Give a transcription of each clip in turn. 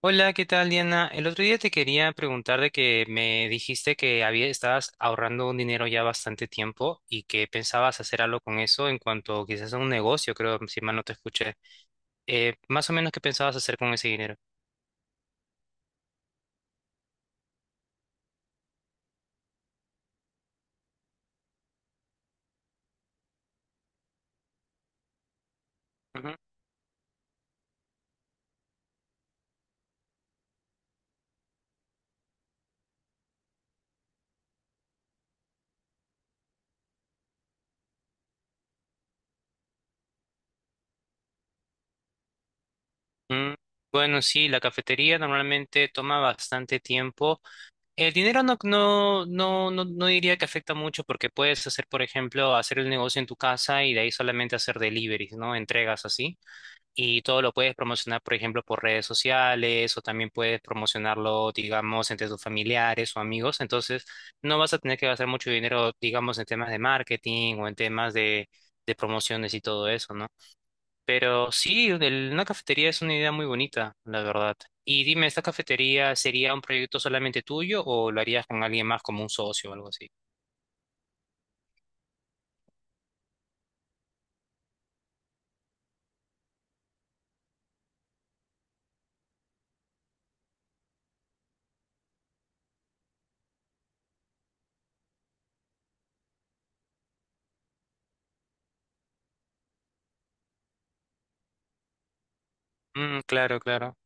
Hola, ¿qué tal, Diana? El otro día te quería preguntar de que me dijiste que había, estabas ahorrando un dinero ya bastante tiempo y que pensabas hacer algo con eso en cuanto quizás a un negocio, creo, si mal no te escuché. Más o menos, ¿qué pensabas hacer con ese dinero? Ujú. Mm, bueno, sí, la cafetería normalmente toma bastante tiempo. El dinero no diría que afecta mucho porque puedes hacer, por ejemplo, hacer el negocio en tu casa y de ahí solamente hacer deliveries, ¿no? Entregas así. Y todo lo puedes promocionar, por ejemplo, por redes sociales o también puedes promocionarlo, digamos, entre tus familiares o amigos. Entonces, no vas a tener que gastar mucho dinero, digamos, en temas de marketing o en temas de promociones y todo eso, ¿no? Pero sí, una cafetería es una idea muy bonita, la verdad. Y dime, ¿esta cafetería sería un proyecto solamente tuyo o lo harías con alguien más como un socio o algo así? Mm, claro, claro.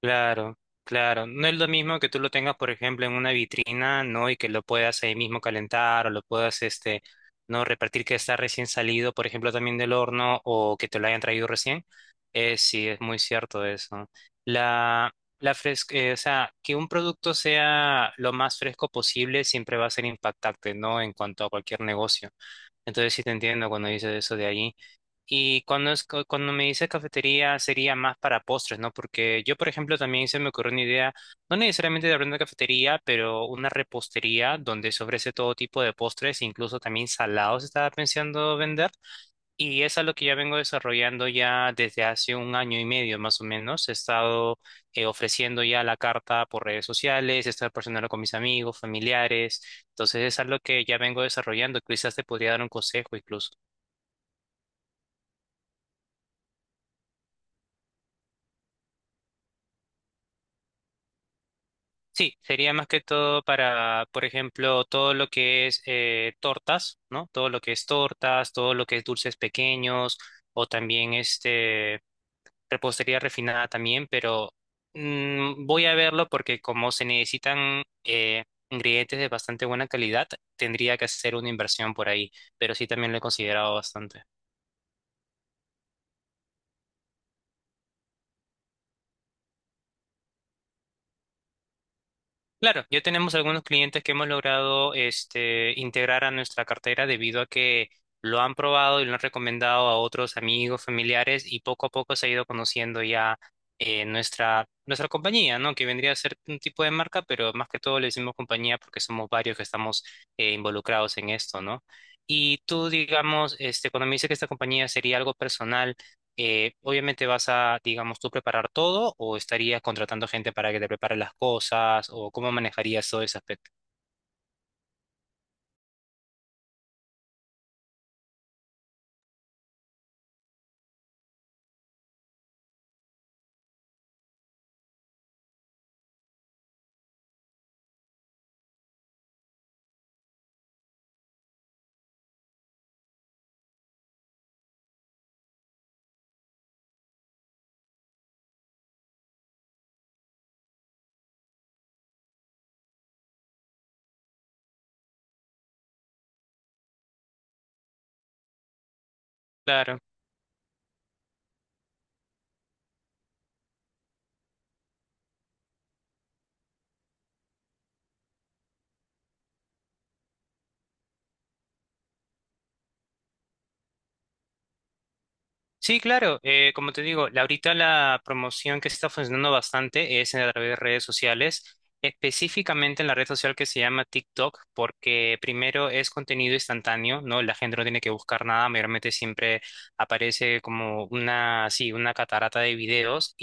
Claro, claro. No es lo mismo que tú lo tengas, por ejemplo, en una vitrina, ¿no? Y que lo puedas ahí mismo calentar o lo puedas, este, no repartir que está recién salido, por ejemplo, también del horno o que te lo hayan traído recién. Sí, es muy cierto eso. La, la fresca, o sea, que un producto sea lo más fresco posible siempre va a ser impactante, ¿no? En cuanto a cualquier negocio. Entonces sí te entiendo cuando dices eso de ahí. Y cuando me dice cafetería sería más para postres, ¿no? Porque yo, por ejemplo, también se me ocurrió una idea, no necesariamente de abrir una cafetería, pero una repostería donde se ofrece todo tipo de postres, incluso también salados estaba pensando vender. Y es algo que ya vengo desarrollando ya desde hace un año y medio más o menos. He estado ofreciendo ya la carta por redes sociales, he estado personal con mis amigos, familiares. Entonces es algo que ya vengo desarrollando. Quizás te podría dar un consejo incluso. Sí, sería más que todo para, por ejemplo, todo lo que es tortas, ¿no? Todo lo que es tortas, todo lo que es dulces pequeños, o también este repostería refinada también, pero mm, voy a verlo porque como se necesitan ingredientes de bastante buena calidad, tendría que hacer una inversión por ahí, pero sí también lo he considerado bastante. Claro, ya tenemos algunos clientes que hemos logrado este, integrar a nuestra cartera debido a que lo han probado y lo han recomendado a otros amigos, familiares y poco a poco se ha ido conociendo ya nuestra compañía, ¿no? Que vendría a ser un tipo de marca, pero más que todo le decimos compañía porque somos varios que estamos involucrados en esto, ¿no? Y tú, digamos, este, cuando me dices que esta compañía sería algo personal, obviamente vas a, digamos, tú preparar todo o estarías contratando gente para que te prepare las cosas o cómo manejarías todo ese aspecto. Claro. Sí, claro. Como te digo, ahorita la promoción que está funcionando bastante es a través de redes sociales, específicamente en la red social que se llama TikTok, porque primero es contenido instantáneo, ¿no? La gente no tiene que buscar nada, mayormente siempre aparece como una, sí, una catarata de videos,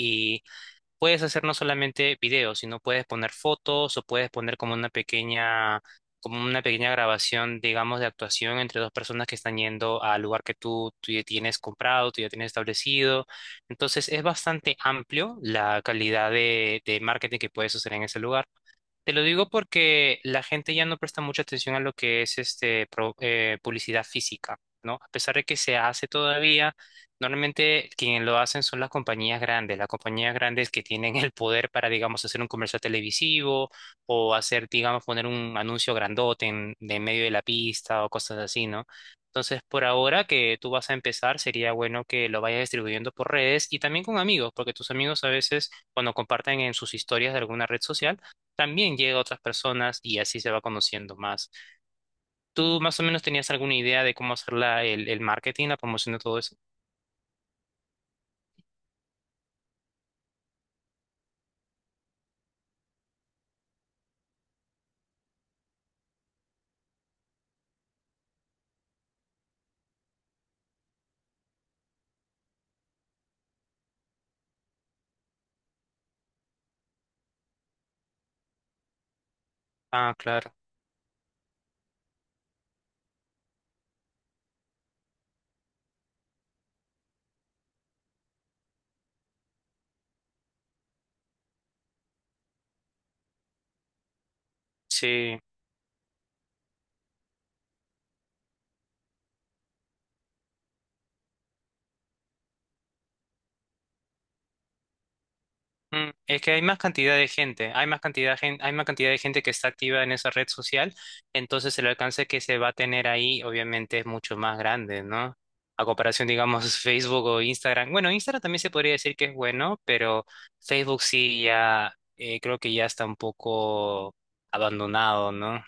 puedes hacer no solamente videos, sino puedes poner fotos o puedes poner como una pequeña grabación, digamos, de actuación entre dos personas que están yendo al lugar que tú ya tienes comprado, tú ya tienes establecido. Entonces es bastante amplio la calidad de marketing que puedes hacer en ese lugar. Te lo digo porque la gente ya no presta mucha atención a lo que es este publicidad física, ¿no? A pesar de que se hace todavía, normalmente quienes lo hacen son las compañías grandes que tienen el poder para, digamos, hacer un comercial televisivo o hacer, digamos, poner un anuncio grandote en, de medio de la pista o cosas así, ¿no? Entonces, por ahora que tú vas a empezar, sería bueno que lo vayas distribuyendo por redes y también con amigos, porque tus amigos a veces, cuando comparten en sus historias de alguna red social, también llega a otras personas y así se va conociendo más. ¿Tú más o menos tenías alguna idea de cómo hacer el marketing, la promoción de todo eso? Ah, claro. Sí. Mm, es que hay más cantidad de gente, hay más cantidad de gente, hay más cantidad de gente que está activa en esa red social, entonces el alcance que se va a tener ahí obviamente es mucho más grande, ¿no? A comparación, digamos, Facebook o Instagram. Bueno, Instagram también se podría decir que es bueno, pero Facebook sí ya, creo que ya está un poco abandonado, ¿no?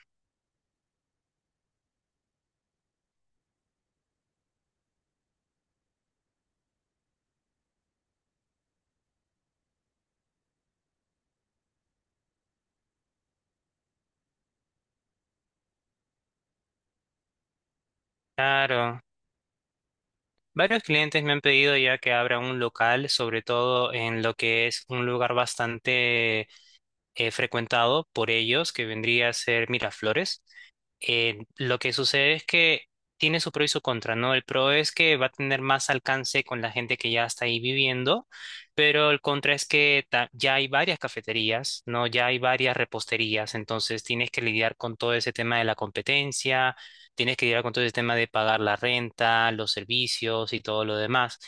Claro, varios clientes me han pedido ya que abra un local, sobre todo en lo que es un lugar bastante frecuentado por ellos, que vendría a ser Miraflores. Lo que sucede es que tiene su pro y su contra, ¿no? El pro es que va a tener más alcance con la gente que ya está ahí viviendo, pero el contra es que ya hay varias cafeterías, ¿no? Ya hay varias reposterías, entonces tienes que lidiar con todo ese tema de la competencia, tienes que lidiar con todo ese tema de pagar la renta, los servicios y todo lo demás.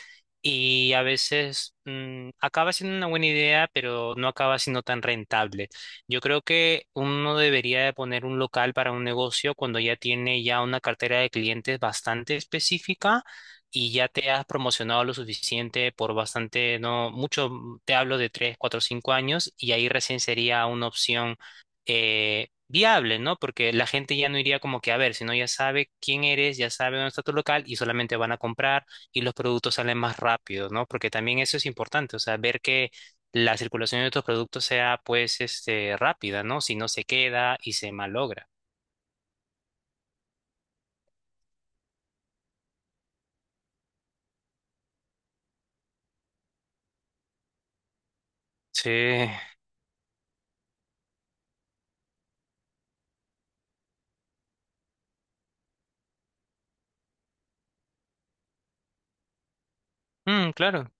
Y a veces mm, acaba siendo una buena idea, pero no acaba siendo tan rentable. Yo creo que uno debería de poner un local para un negocio cuando ya tiene ya una cartera de clientes bastante específica y ya te has promocionado lo suficiente por bastante, no mucho, mm, te hablo de 3 4 5 años y ahí recién sería una opción viable, ¿no? Porque la gente ya no iría como que a ver, sino ya sabe quién eres, ya sabe dónde está tu local y solamente van a comprar y los productos salen más rápido, ¿no? Porque también eso es importante, o sea, ver que la circulación de estos productos sea pues este rápida, ¿no? Si no se queda y se malogra. Sí. Mm, claro.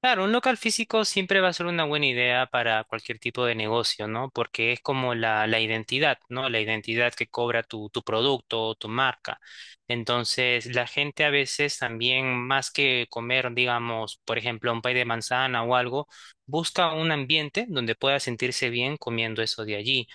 Claro, un local físico siempre va a ser una buena idea para cualquier tipo de negocio, ¿no? Porque es como la identidad, ¿no? La identidad que cobra tu producto o tu marca. Entonces, la gente a veces también, más que comer, digamos, por ejemplo, un pay de manzana o algo, busca un ambiente donde pueda sentirse bien comiendo eso de allí.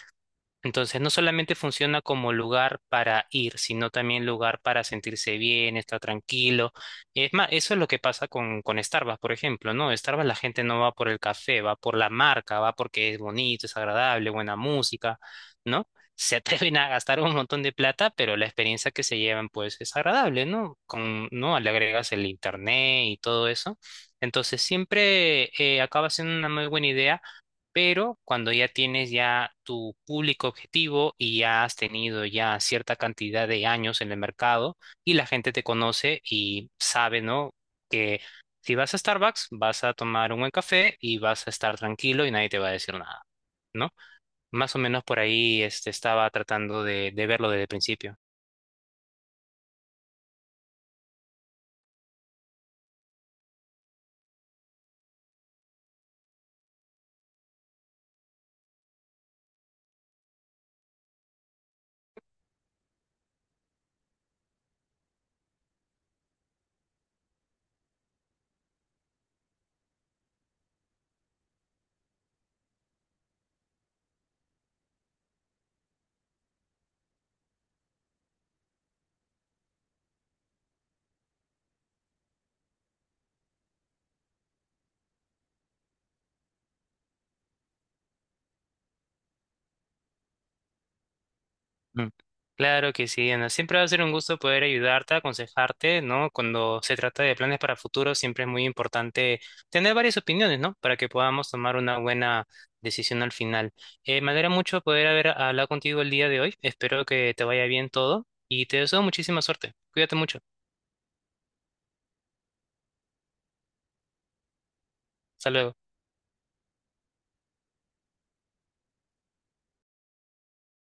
Entonces, no solamente funciona como lugar para ir, sino también lugar para sentirse bien, estar tranquilo. Es más, eso es lo que pasa con Starbucks, por ejemplo, ¿no? Starbucks la gente no va por el café, va por la marca, va porque es bonito, es agradable, buena música, ¿no? Se atreven a gastar un montón de plata, pero la experiencia que se llevan, pues, es agradable, ¿no? Con, ¿no? Le agregas el internet y todo eso. Entonces, siempre acaba siendo una muy buena idea pero cuando ya tienes ya tu público objetivo y ya has tenido ya cierta cantidad de años en el mercado y la gente te conoce y sabe, ¿no? Que si vas a Starbucks, vas a tomar un buen café y vas a estar tranquilo y nadie te va a decir nada, ¿no? Más o menos por ahí este, estaba tratando de verlo desde el principio. Mm, claro que sí, Ana. Siempre va a ser un gusto poder ayudarte, aconsejarte, ¿no? Cuando se trata de planes para futuro, siempre es muy importante tener varias opiniones, ¿no? Para que podamos tomar una buena decisión al final. Me alegra mucho poder haber hablado contigo el día de hoy. Espero que te vaya bien todo y te deseo muchísima suerte. Cuídate mucho. Hasta luego.